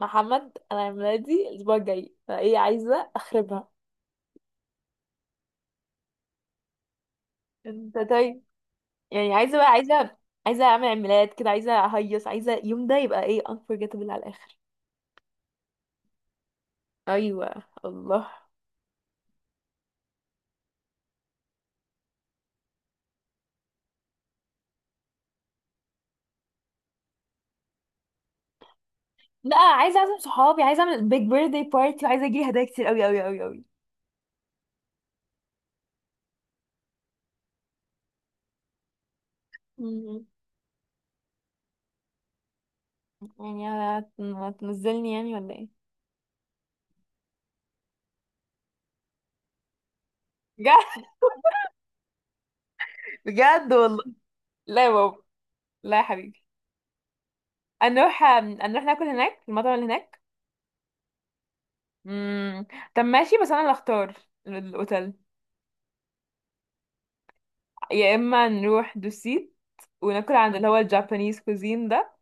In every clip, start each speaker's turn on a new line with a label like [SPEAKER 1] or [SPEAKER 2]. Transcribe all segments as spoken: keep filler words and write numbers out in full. [SPEAKER 1] محمد، انا عيد ميلادي الاسبوع الجاي، فايه عايزه اخربها. انت طيب. يعني عايزه بقى، عايزه عايزه اعمل عيد ميلاد كده، عايزه اهيص، عايزه اليوم ده يبقى ايه، unforgettable على الاخر. ايوه الله. لا، عايزه اعزم صحابي، عايزه اعمل بيج بيرثدي بارتي، وعايزه اجيلي هدايا كتير قوي قوي قوي قوي. مم. يعني هت- هتنزلني يعني ولا ايه؟ بجد. بجد والله. لا يا بابا. لا يا حبيبي. هنروح هنروح ناكل هناك في المطعم اللي هناك. مم. طب ماشي، بس انا اللي اختار ال- الاوتيل. يا اما نروح دوسيت وناكل عند اللي هو الجابانيز كوزين ده.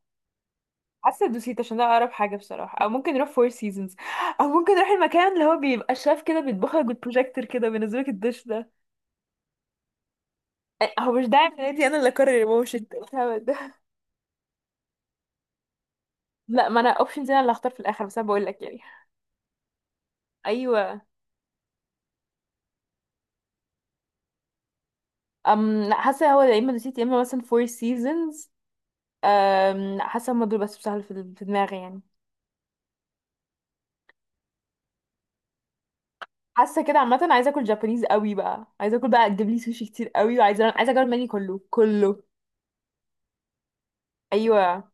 [SPEAKER 1] حاسه دوسيت عشان ده اقرب حاجه بصراحه، او ممكن نروح فور سيزونز، او ممكن نروح المكان اللي هو بيبقى الشاف كده بيطبخ لك بالبروجيكتور كده، بينزل لك الدش ده. أه، هو مش داعي من نادي، انا اللي اقرر يا ماما، مش انت الهبل ده. لا، ما انا اوبشنز، انا اللي هختار في الاخر، بس انا بقول لك يعني. ايوه. ام، لا، حاسه هو يا اما دوسيت يا اما مثلا فور سيزونز. أم، حاسه هما دول بس بسهل في في دماغي يعني. حاسه كده عامه، عايزه اكل جابانيز قوي بقى، عايزه اكل بقى، تجيب لي سوشي كتير قوي، وعايزه عايزه اجرب المنيو كله كله. ايوه.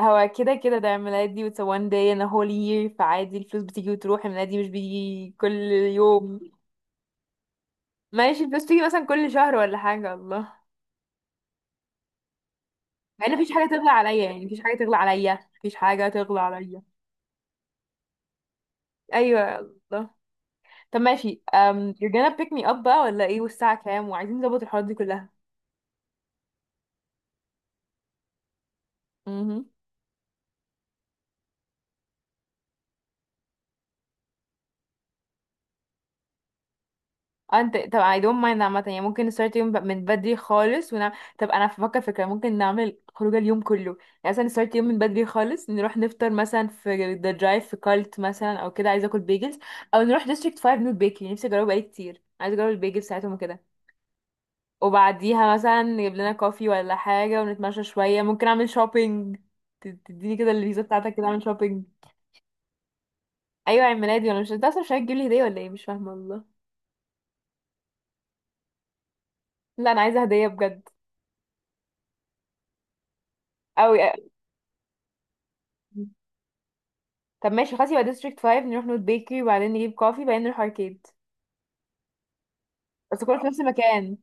[SPEAKER 1] هو كده كده، ده عيد ميلادي، it's a one day and a whole year، فعادي، الفلوس بتيجي وتروح، عيد ميلادي مش بيجي كل يوم. ماشي، الفلوس بتيجي مثلا كل شهر ولا حاجه، الله. مع ان مفيش حاجه تغلى عليا يعني، مفيش حاجه تغلى عليا، مفيش حاجه تغلى عليا. ايوه الله. طب ماشي، um, you're gonna pick me up بقى ولا ايه؟ والساعه كام؟ وعايزين نظبط الحوارات دي كلها. اه انت، طب، I don't mind عامة يعني، ممكن نستارت يوم ب- من بدري خالص ونعمل. طب انا بفكر فكرة، ممكن نعمل خروجة اليوم كله. يعني مثلا نستارت يوم من بدري خالص، نروح نفطر مثلا في ذا درايف في كارلت مثلا او كده، عايزة اكل بيجلز. او نروح ديستريكت فايف نوت بيكري، نفسي اجربه بقالي كتير، عايزة اجرب البيجلز بتاعتهم وكده. وبعديها مثلا نجيب لنا كوفي ولا حاجة، ونتمشى شوية، ممكن اعمل شوبينج. تديني كده الفيزا بتاعتك كده اعمل شوبينج. ايوه، عيد ميلادي. ولا مش، انت اصلا مش هتجيب لي هدية ولا ايه؟ مش فاهمة والله. لا، انا عايزة هدية بجد. اوي. طب ماشي خلاص، يبقى ديستريكت فايف نروح نوت بيكري، وبعدين نجيب كوفي، وبعدين نروح اركيد. بس كله في نفس المكان.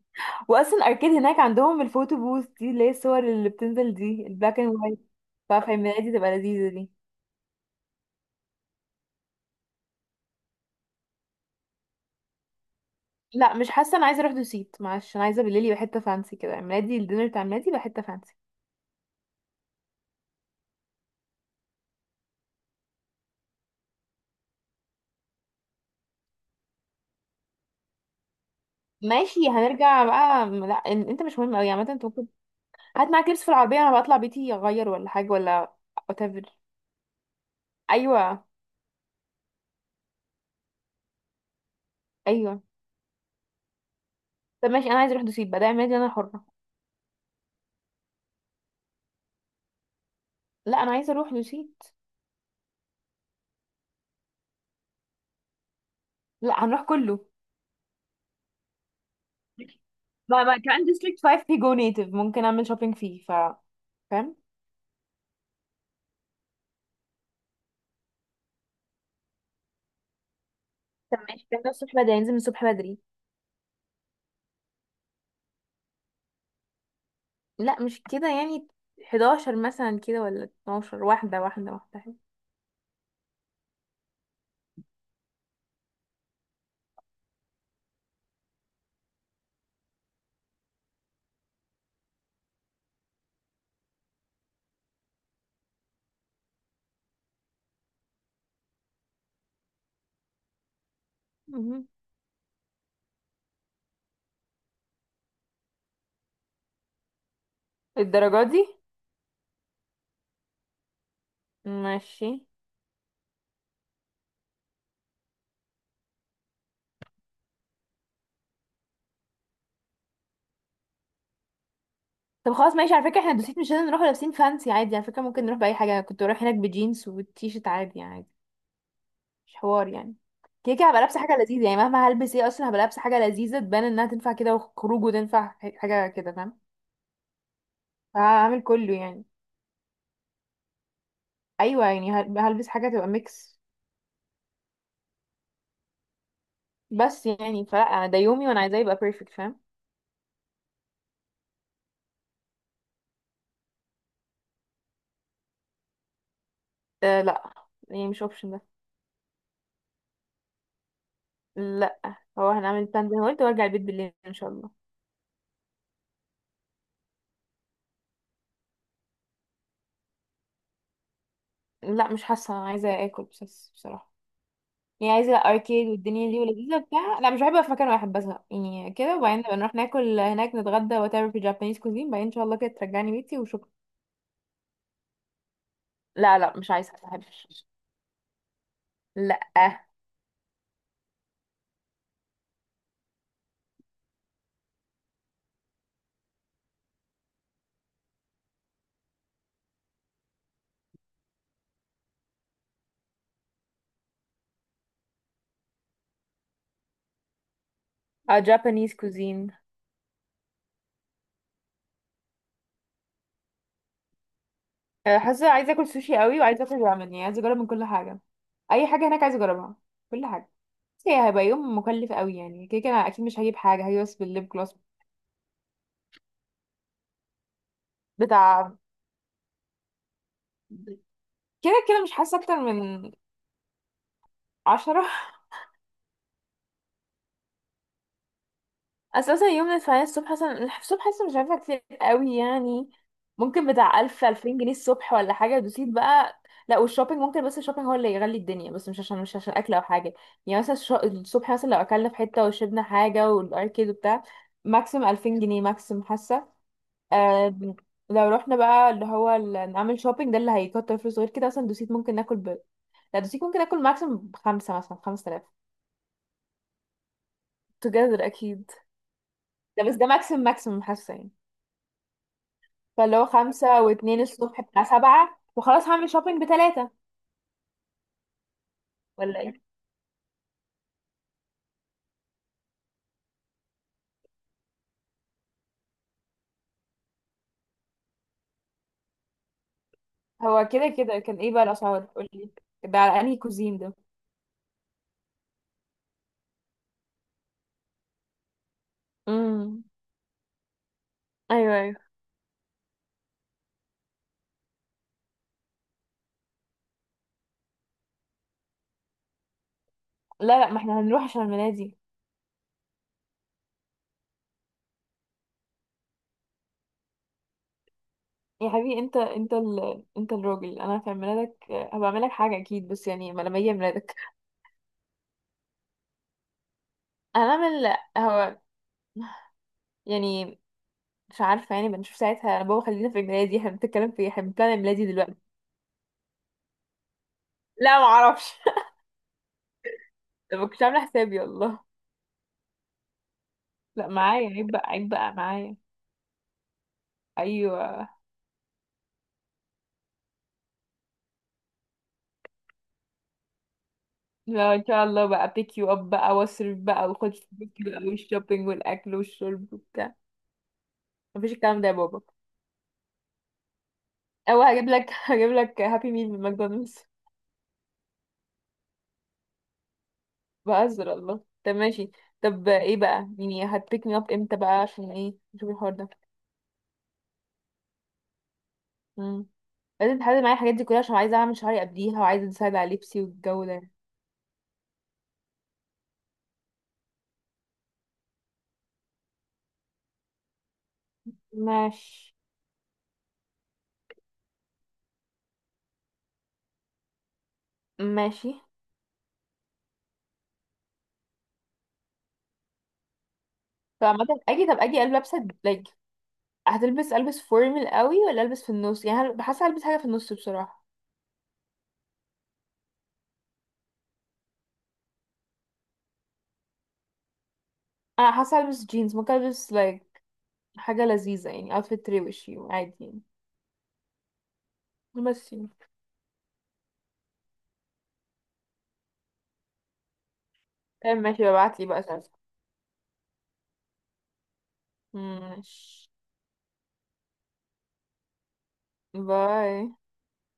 [SPEAKER 1] واصلا اركيد هناك عندهم الفوتو بوث دي، اللي هي الصور اللي بتنزل دي البلاك اند وايت. ففي الميلاد دي تبقى لذيذة دي. لا، مش حاسة، انا عايزة اروح دوسيت معلش، انا عايزة بالليل يبقى حتة فانسي كده، ميلادي، الدينر بتاع ميلادي يبقى حتة فانسي. ماشي هنرجع بقى. لا إن- انت مش مهم قوي عامة، انت ممكن هات معاك لبس في العربية، انا بطلع بيتي اغير ولا حاجة ولا whatever. ايوه. ايوه. طب ماشي، انا عايزة اروح دوسيت بقى، ده ميلادي انا حرة. لا، انا عايزة اروح دوسيت. لا، هنروح كله. ما, ما كمان ديستريكت فايف فيه جو نيتيف ممكن اعمل شوبينج فيه، ف فاهم. طب ماشي، كان ده الصبح بدري، ننزل من الصبح بدري. لا، مش كده يعني. احداشر مثلا كده ولا اتناشر، واحدة واحدة واحدة. مهم. الدرجات دي ماشي. طب خلاص ماشي، على فكرة احنا دوسيت مش لازم نروح لابسين فانسي عادي، على فكرة ممكن نروح بأي حاجة، أنا كنت بروح هناك بجينز وتيشرت عادي يعني. مش حوار يعني. كده كده هبقى لابسة حاجة لذيذة يعني، مهما هلبس ايه أصلا هبقى لابسة حاجة لذيذة، تبان إنها تنفع كده وخروج وتنفع حاجة كده، فاهم؟ هعمل كله يعني. ايوه يعني هل- هلبس حاجه تبقى ميكس. بس يعني، فلا، انا ده يومي، وانا عايزاه يبقى بيرفكت، فاهم؟ آه لا. يعني مش اوبشن ده. لا، هو هنعمل بلان زي ما قلت، وارجع البيت بالليل ان شاء الله. لا، مش حاسه، انا عايزه اكل بس بصراحه. يعني عايزه اركيد والدنيا دي ولذيذه بتاع، لا مش بحب أبقى في مكان واحد بزهق يعني كده، وبعدين نبقى نروح ناكل هناك نتغدى وات ايفر في جابانيز كوزين، بعدين ان شاء الله كده ترجعني بيتي وشكرا. لا لا، مش عايزه، ما بحبش. لا. اه، جابانيز كوزين. آه، حاسه عايزه اكل سوشي قوي، وعايزه اكل رامن، يعني عايزه اجرب من كل حاجه، اي حاجه هناك عايزه اجربها، كل حاجه. بس هي هيبقى يوم مكلف قوي يعني، كده كده انا اكيد مش هجيب حاجه، هجيب بس بالليب جلوس بتاع. كده كده مش حاسه اكتر من عشرة. اساسا يوم الفعالية الصبح اصلا، الصبح اصلا مش عارفة، كتير قوي يعني، ممكن بتاع الف الفين جنيه الصبح ولا حاجة، دوسيت بقى. لا، والشوبينج ممكن، بس الشوبينج هو اللي يغلي الدنيا، بس مش عشان مش عشان اكل او حاجة. يعني مثلا الش- الصبح، مثلا لو اكلنا في حتة وشربنا حاجة والاركيد وبتاع، ماكسيم الفين جنيه ماكسيم حاسة. آم، لو رحنا بقى اللي هو ال- نعمل شوبينج، ده اللي هيكتر فلوس غير كده، مثلا دوسيت ممكن ناكل ب... لا، دوسيت ممكن ناكل ماكسيم بخمسة مثلا، خمسة آلاف. together اكيد. ده بس، ده ماكسيم، ماكسيم حاسة يعني. فاللي هو خمسة واتنين الصبح بتاع سبعة، وخلاص هعمل شوبينج بتلاتة. ولا ايه؟ هو كده كده كان ايه بقى الأسعار، قولي. ده على انهي كوزين ده. امم. ايوه ايوه. لا لا، ما احنا هنروح عشان المنادي. يا حبيبي، انت انت ال... انت الراجل، انا في عيد ميلادك آه، هبعمل لك حاجه اكيد، بس يعني ما لما يجي عيد ميلادك. هنعمل، هو، يعني، مش عارفه يعني، بنشوف ساعتها. انا بابا خلينا في عيد ميلادي، احنا بنتكلم في إيه؟ احنا بنبلان عيد ميلادي دلوقتي. لا، ما اعرفش. ما كنتش عامله حسابي والله. لا، معايا، عيب بقى، عيب بقى معايا. ايوه. لا ان شاء الله بقى، بيك يو اب بقى، واصرف بقى وخد فلوس بقى، والشوبينج والاكل والشرب وبتاع. مفيش الكلام ده يا بابا. او هجيب لك هجيب لك هابي ميل من ماكدونالدز. بهزر، الله. طب ماشي. طب ايه بقى. يعني هتبيك مي اب امتى بقى؟ عشان ايه نشوف الحوار ده. امم. لازم تحدد معايا الحاجات دي كلها، عشان عايزه اعمل شعري قبليها، وعايزه اساعد على لبسي والجو ده. ماشي. ماشي. طب عامة اجي، طب اجي ألبس- لابسه لايك. هتلبس، البس فورمال قوي ولا البس في النص يعني؟ هل- حاسه البس حاجه في النص بصراحه. انا حاسه البس جينز، ممكن البس like حاجه لذيذه يعني، outfit روشي عادي يعني، بس يعني. طيب ماشي، ببعتلي بقى صورة. ماشي. باي.